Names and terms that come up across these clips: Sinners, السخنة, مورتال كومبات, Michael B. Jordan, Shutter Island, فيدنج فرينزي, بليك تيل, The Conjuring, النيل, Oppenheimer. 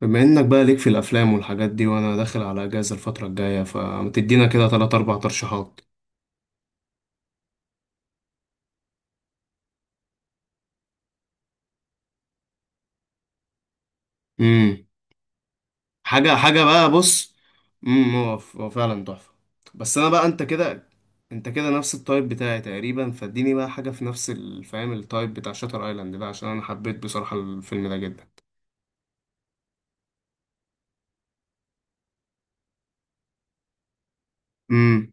بما انك بقى ليك في الافلام والحاجات دي وانا داخل على اجازه الفتره الجايه فتدينا كده تلات اربع ترشيحات. امم حاجه حاجه بقى بص. هو هو فعلا تحفه. بس انا بقى انت كده نفس التايب بتاعي تقريبا، فاديني بقى حاجه في نفس الفهم التايب بتاع شاتر ايلاند ده، عشان انا حبيت بصراحه الفيلم ده جدا. امم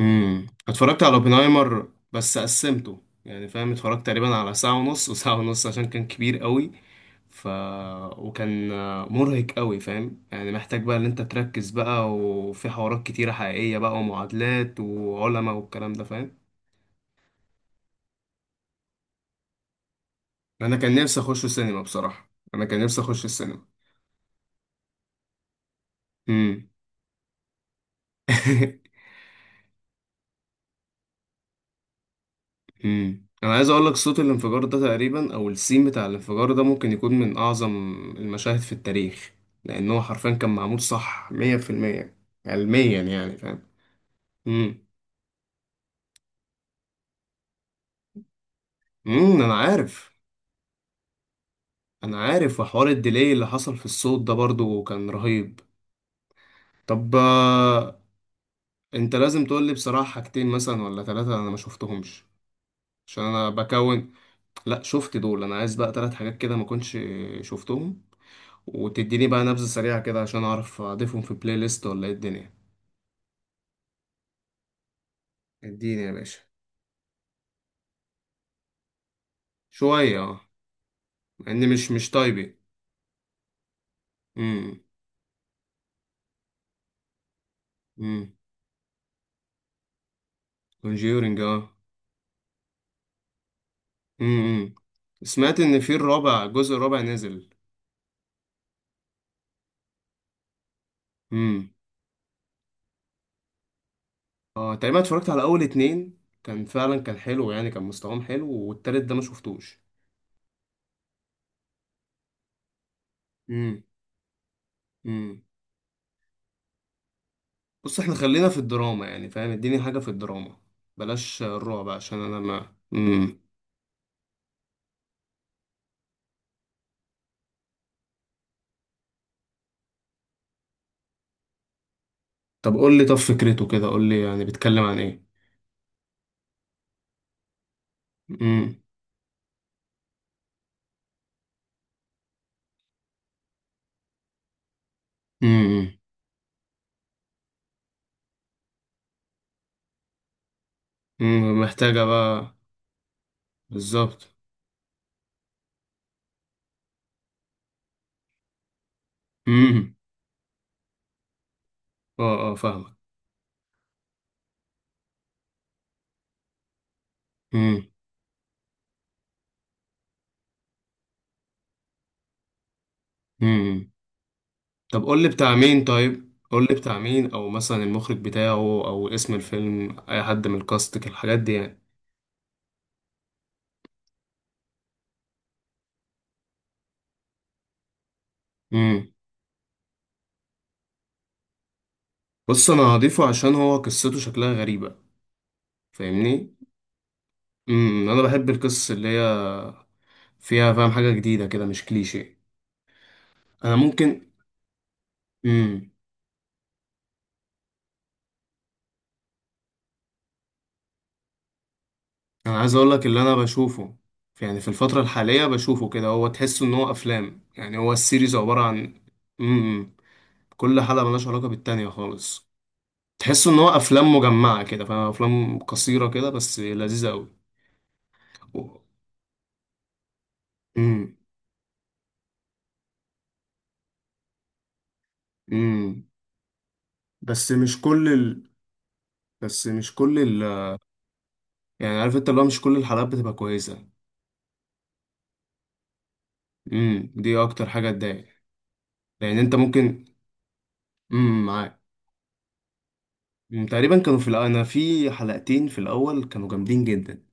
اتفرجت على اوبنهايمر، بس قسمته، يعني فاهم، اتفرجت تقريبا على ساعه ونص وساعه ونص عشان كان كبير قوي. ف وكان مرهق قوي، فاهم يعني، محتاج بقى ان انت تركز بقى، وفي حوارات كتيرة حقيقية بقى ومعادلات وعلماء والكلام ده، فاهم. انا كان نفسي اخش السينما بصراحة، انا كان نفسي اخش السينما. امم. انا عايز اقول لك صوت الانفجار ده تقريبا، او السين بتاع الانفجار ده، ممكن يكون من اعظم المشاهد في التاريخ. لان هو حرفيا كان معمول صح 100% علميا، يعني فاهم. امم. انا عارف. انا عارف، وحوار الديلي اللي حصل في الصوت ده برضو كان رهيب. طب انت لازم تقول لي بصراحة حاجتين مثلا ولا ثلاثة انا ما شفتهمش، عشان انا بكون، لا شفت دول، انا عايز بقى ثلاث حاجات كده ما كنتش شفتهم، وتديني بقى نبذة سريعة كده عشان اعرف اضيفهم في بلاي ليست ولا ايه الدنيا. اديني يا باشا. شوية اه، مع اني مش طيبي. امم. امم، كونجيورنج اه. امم، سمعت ان في الرابع، الجزء الرابع نزل. اه تقريبا اتفرجت على اول اتنين، كان فعلا كان حلو يعني، كان مستواهم حلو، والتالت ده ما شفتوش. امم. امم بص، احنا خلينا في الدراما يعني فاهم، اديني حاجة في الدراما، بلاش الرعب عشان انا ما طب قول لي، طب فكرته كده قول لي يعني بيتكلم عن ايه. امم. امم. امم، محتاجة بقى. بالظبط. امم. اه اه فاهمك. امم. امم طب قول لي بتاع مين، طيب قول لي بتاع مين، او مثلا المخرج بتاعه، او اسم الفيلم، اي حد من الكاست، الحاجات دي يعني. امم بص، انا هضيفه عشان هو قصته شكلها غريبة. فاهمني، انا بحب القصص اللي هي فيها فاهم حاجة جديدة كده، مش كليشيه. انا ممكن. امم. انا عايز اقول لك اللي انا بشوفه يعني في الفترة الحالية، بشوفه كده، هو تحس ان هو افلام، يعني هو السيريز عبارة عن، امم، كل حلقة ملهاش علاقة بالتانية خالص. تحس ان هو افلام مجمعة كده، فاهم، افلام قصيرة كده، بس لذيذة قوي. امم. امم. بس مش كل ال... بس مش كل، يعني عارف انت، اللي هو مش كل الحلقات بتبقى كويسة. امم، دي اكتر حاجة تضايق، لان انت ممكن. امم، معاك. تقريبا كانوا في انا في حلقتين في الاول كانوا جامدين جدا.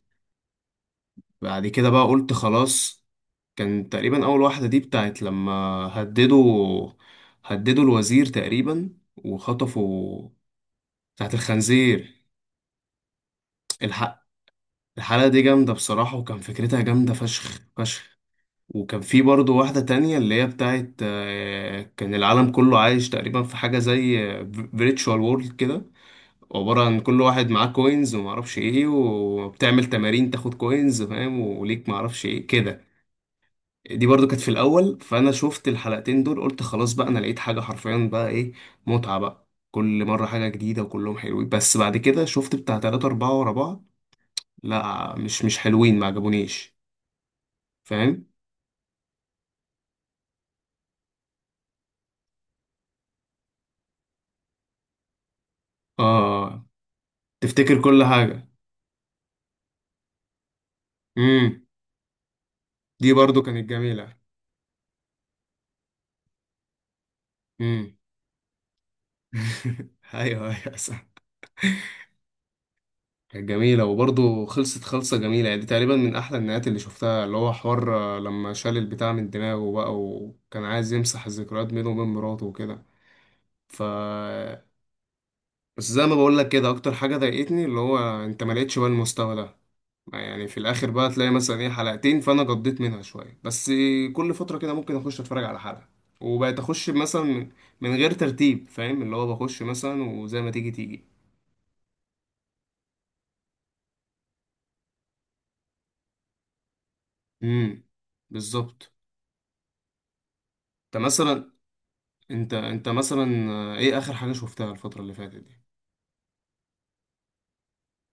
بعد كده بقى قلت خلاص. كان تقريبا اول واحدة دي بتاعت لما هددوا هددوا الوزير تقريبا، وخطفوا بتاعت الخنزير. الحق، الحلقة دي جامدة بصراحة، وكان فكرتها جامدة فشخ فشخ. وكان في برضه واحدة تانية اللي هي بتاعت كان العالم كله عايش تقريبا في حاجة زي فيرتشوال وورلد كده، عبارة عن كل واحد معاه كوينز ومعرفش ايه، وبتعمل تمارين تاخد كوينز، فاهم، وليك معرفش ايه كده. دي برضو كانت في الأول، فأنا شفت الحلقتين دول قلت خلاص بقى، أنا لقيت حاجة حرفيا بقى ايه، متعة بقى كل مرة حاجة جديدة، وكلهم حلوين. بس بعد كده شفت بتاع تلاتة أربعة ورا بعض، لا مش حلوين، ما عجبونيش، فاهم. اه، تفتكر كل حاجة. مم. دي برضو كانت جميلة. امم. ايوه ايوه صح. كانت جميلة، وبرضو خلصت خلصة جميلة يعني، دي تقريبا من احلى النهايات اللي شفتها، اللي هو حوار لما شال البتاع من دماغه بقى، وكان عايز يمسح الذكريات بينه وبين مراته وكده. ف بس زي ما بقول لك كده، اكتر حاجه ضايقتني اللي هو انت ما لقيتش بقى المستوى ده. يعني في الاخر بقى تلاقي مثلا ايه، حلقتين، فانا قضيت منها شويه بس. كل فتره كده ممكن اخش اتفرج على حلقه، وبقيت اخش مثلا من، من غير ترتيب، فاهم، اللي هو بخش مثلا وزي ما تيجي تيجي. امم. بالظبط. انت مثلا، انت مثلا ايه اخر حاجه شفتها الفتره اللي فاتت دي.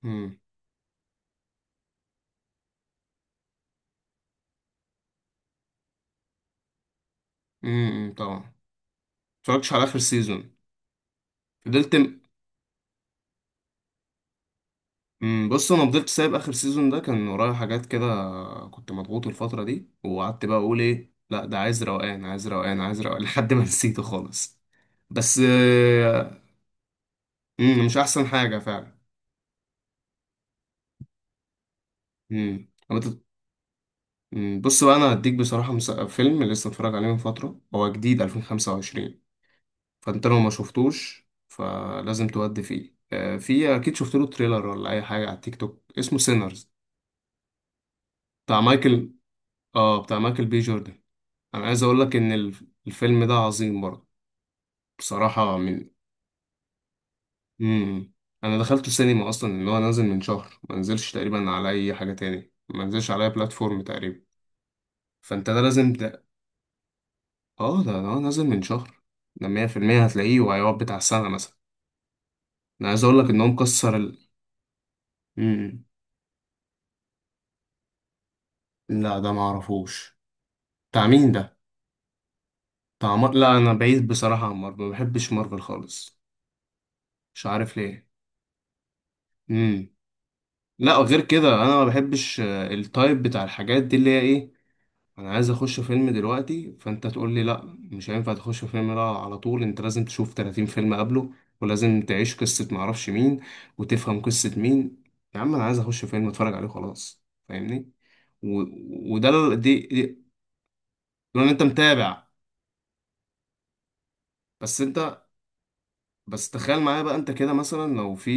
امم. طبعا، متفرجتش على اخر سيزون. فضلت، بص، انا فضلت سايب اخر سيزون ده، كان ورايا حاجات كده، كنت مضغوط الفتره دي، وقعدت بقى اقول ايه، لا ده عايز روقان عايز روقان عايز روقان، لحد ما نسيته خالص. بس امم، مش احسن حاجه فعلا. طب أمم، بص بقى، انا هديك بصراحه فيلم لسه اتفرج عليه من فتره، هو جديد 2025، فانت لو ما شفتوش فلازم تودي فيه في اكيد شفت له تريلر ولا اي حاجه على التيك توك، اسمه سينرز، بتاع مايكل، اه بتاع مايكل بي جوردن. انا عايز اقول لك ان الفيلم ده عظيم برضه بصراحة. من مم. انا دخلته سينما اصلا، ان هو نازل من شهر، ما نزلش تقريبا على اي حاجة تاني، ما نزلش على اي بلاتفورم تقريبا، فانت ده لازم ده. اه ده نازل من شهر، ده 100% هتلاقيه، وهيقعد بتاع سنة مثلا. انا عايز اقول لك ان هو مكسر مم. لا ده ما اعرفوش. بتاع مين ده، لا انا بعيد بصراحة عن مارفل، ما بحبش مارفل خالص، مش عارف ليه. مم. لا غير كده انا ما بحبش التايب بتاع الحاجات دي اللي هي ايه، انا عايز اخش فيلم دلوقتي فانت تقول لي لا مش هينفع تخش فيلم، لا على طول انت لازم تشوف 30 فيلم قبله، ولازم تعيش قصة معرفش مين، وتفهم قصة مين، يا عم انا عايز اخش فيلم اتفرج عليه خلاص، فاهمني. و... وده دي دي لو انت متابع. بس انت بس تخيل معايا بقى، انت كده مثلا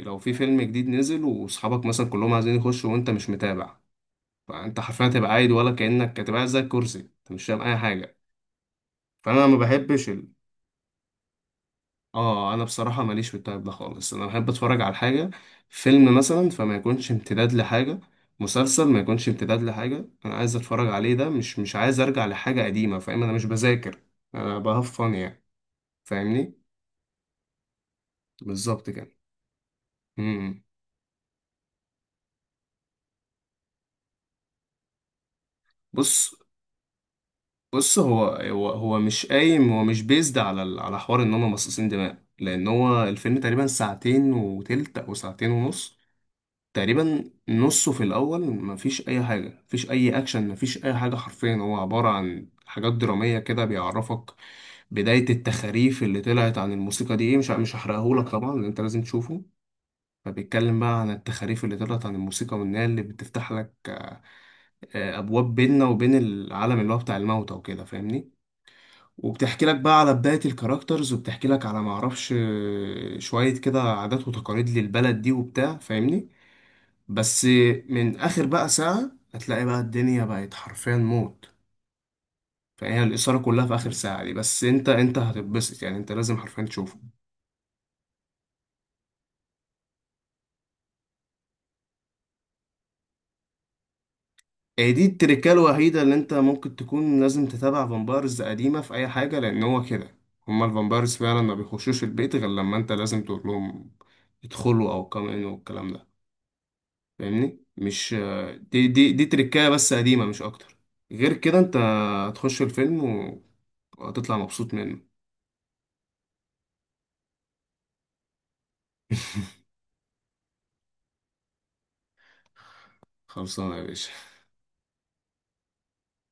لو في فيلم جديد نزل، واصحابك مثلا كلهم عايزين يخشوا وانت مش متابع، فانت حرفيا هتبقى قاعد، ولا كأنك هتبقى قاعد زي الكرسي، انت مش فاهم اي حاجة. فانا ما بحبش، اه انا بصراحه ماليش في التايب ده خالص، انا بحب اتفرج على حاجه، فيلم مثلا فما يكونش امتداد لحاجه، مسلسل ما يكونش امتداد لحاجه، انا عايز اتفرج عليه ده، مش عايز ارجع لحاجه قديمه، فاهم، انا مش بذاكر، انا بهفن يعني، فاهمني. بالظبط كده. إمم. بص، بص هو مش قايم، هو مش بيزد على على حوار ان هم مصاصين دماء، لان هو الفيلم تقريبا ساعتين وتلت او ساعتين ونص. تقريبا نصه في الاول مفيش اي حاجه، مفيش اي اكشن، مفيش اي حاجه، حرفيا هو عباره عن حاجات دراميه كده، بيعرفك بدايه التخاريف اللي طلعت عن الموسيقى دي ايه، مش هحرقهولك طبعا لأن انت لازم تشوفه. فبيتكلم بقى عن التخاريف اللي طلعت عن الموسيقى، وإنها اللي بتفتح لك ابواب بيننا وبين العالم اللي هو بتاع الموتى وكده، فاهمني. وبتحكي لك بقى على بداية الكاركترز، وبتحكي لك على معرفش شوية كده عادات وتقاليد للبلد دي وبتاع، فاهمني. بس من اخر بقى ساعة هتلاقي بقى الدنيا بقت حرفيا موت. فهي الإثارة كلها في آخر ساعة دي بس، أنت أنت هتتبسط يعني، أنت لازم حرفيا تشوفه. إيه دي التركة الوحيدة اللي أنت ممكن تكون لازم تتابع فامبايرز قديمة في أي حاجة، لأن هو كده هما الفامبايرز فعلا ما بيخشوش البيت غير لما أنت لازم تقول لهم ادخلوا أو كام إن والكلام ده، فاهمني. مش دي دي دي تركاية بس قديمة، مش أكتر. غير كده أنت هتخش الفيلم وهتطلع مبسوط منه. خلصانة يا باشا.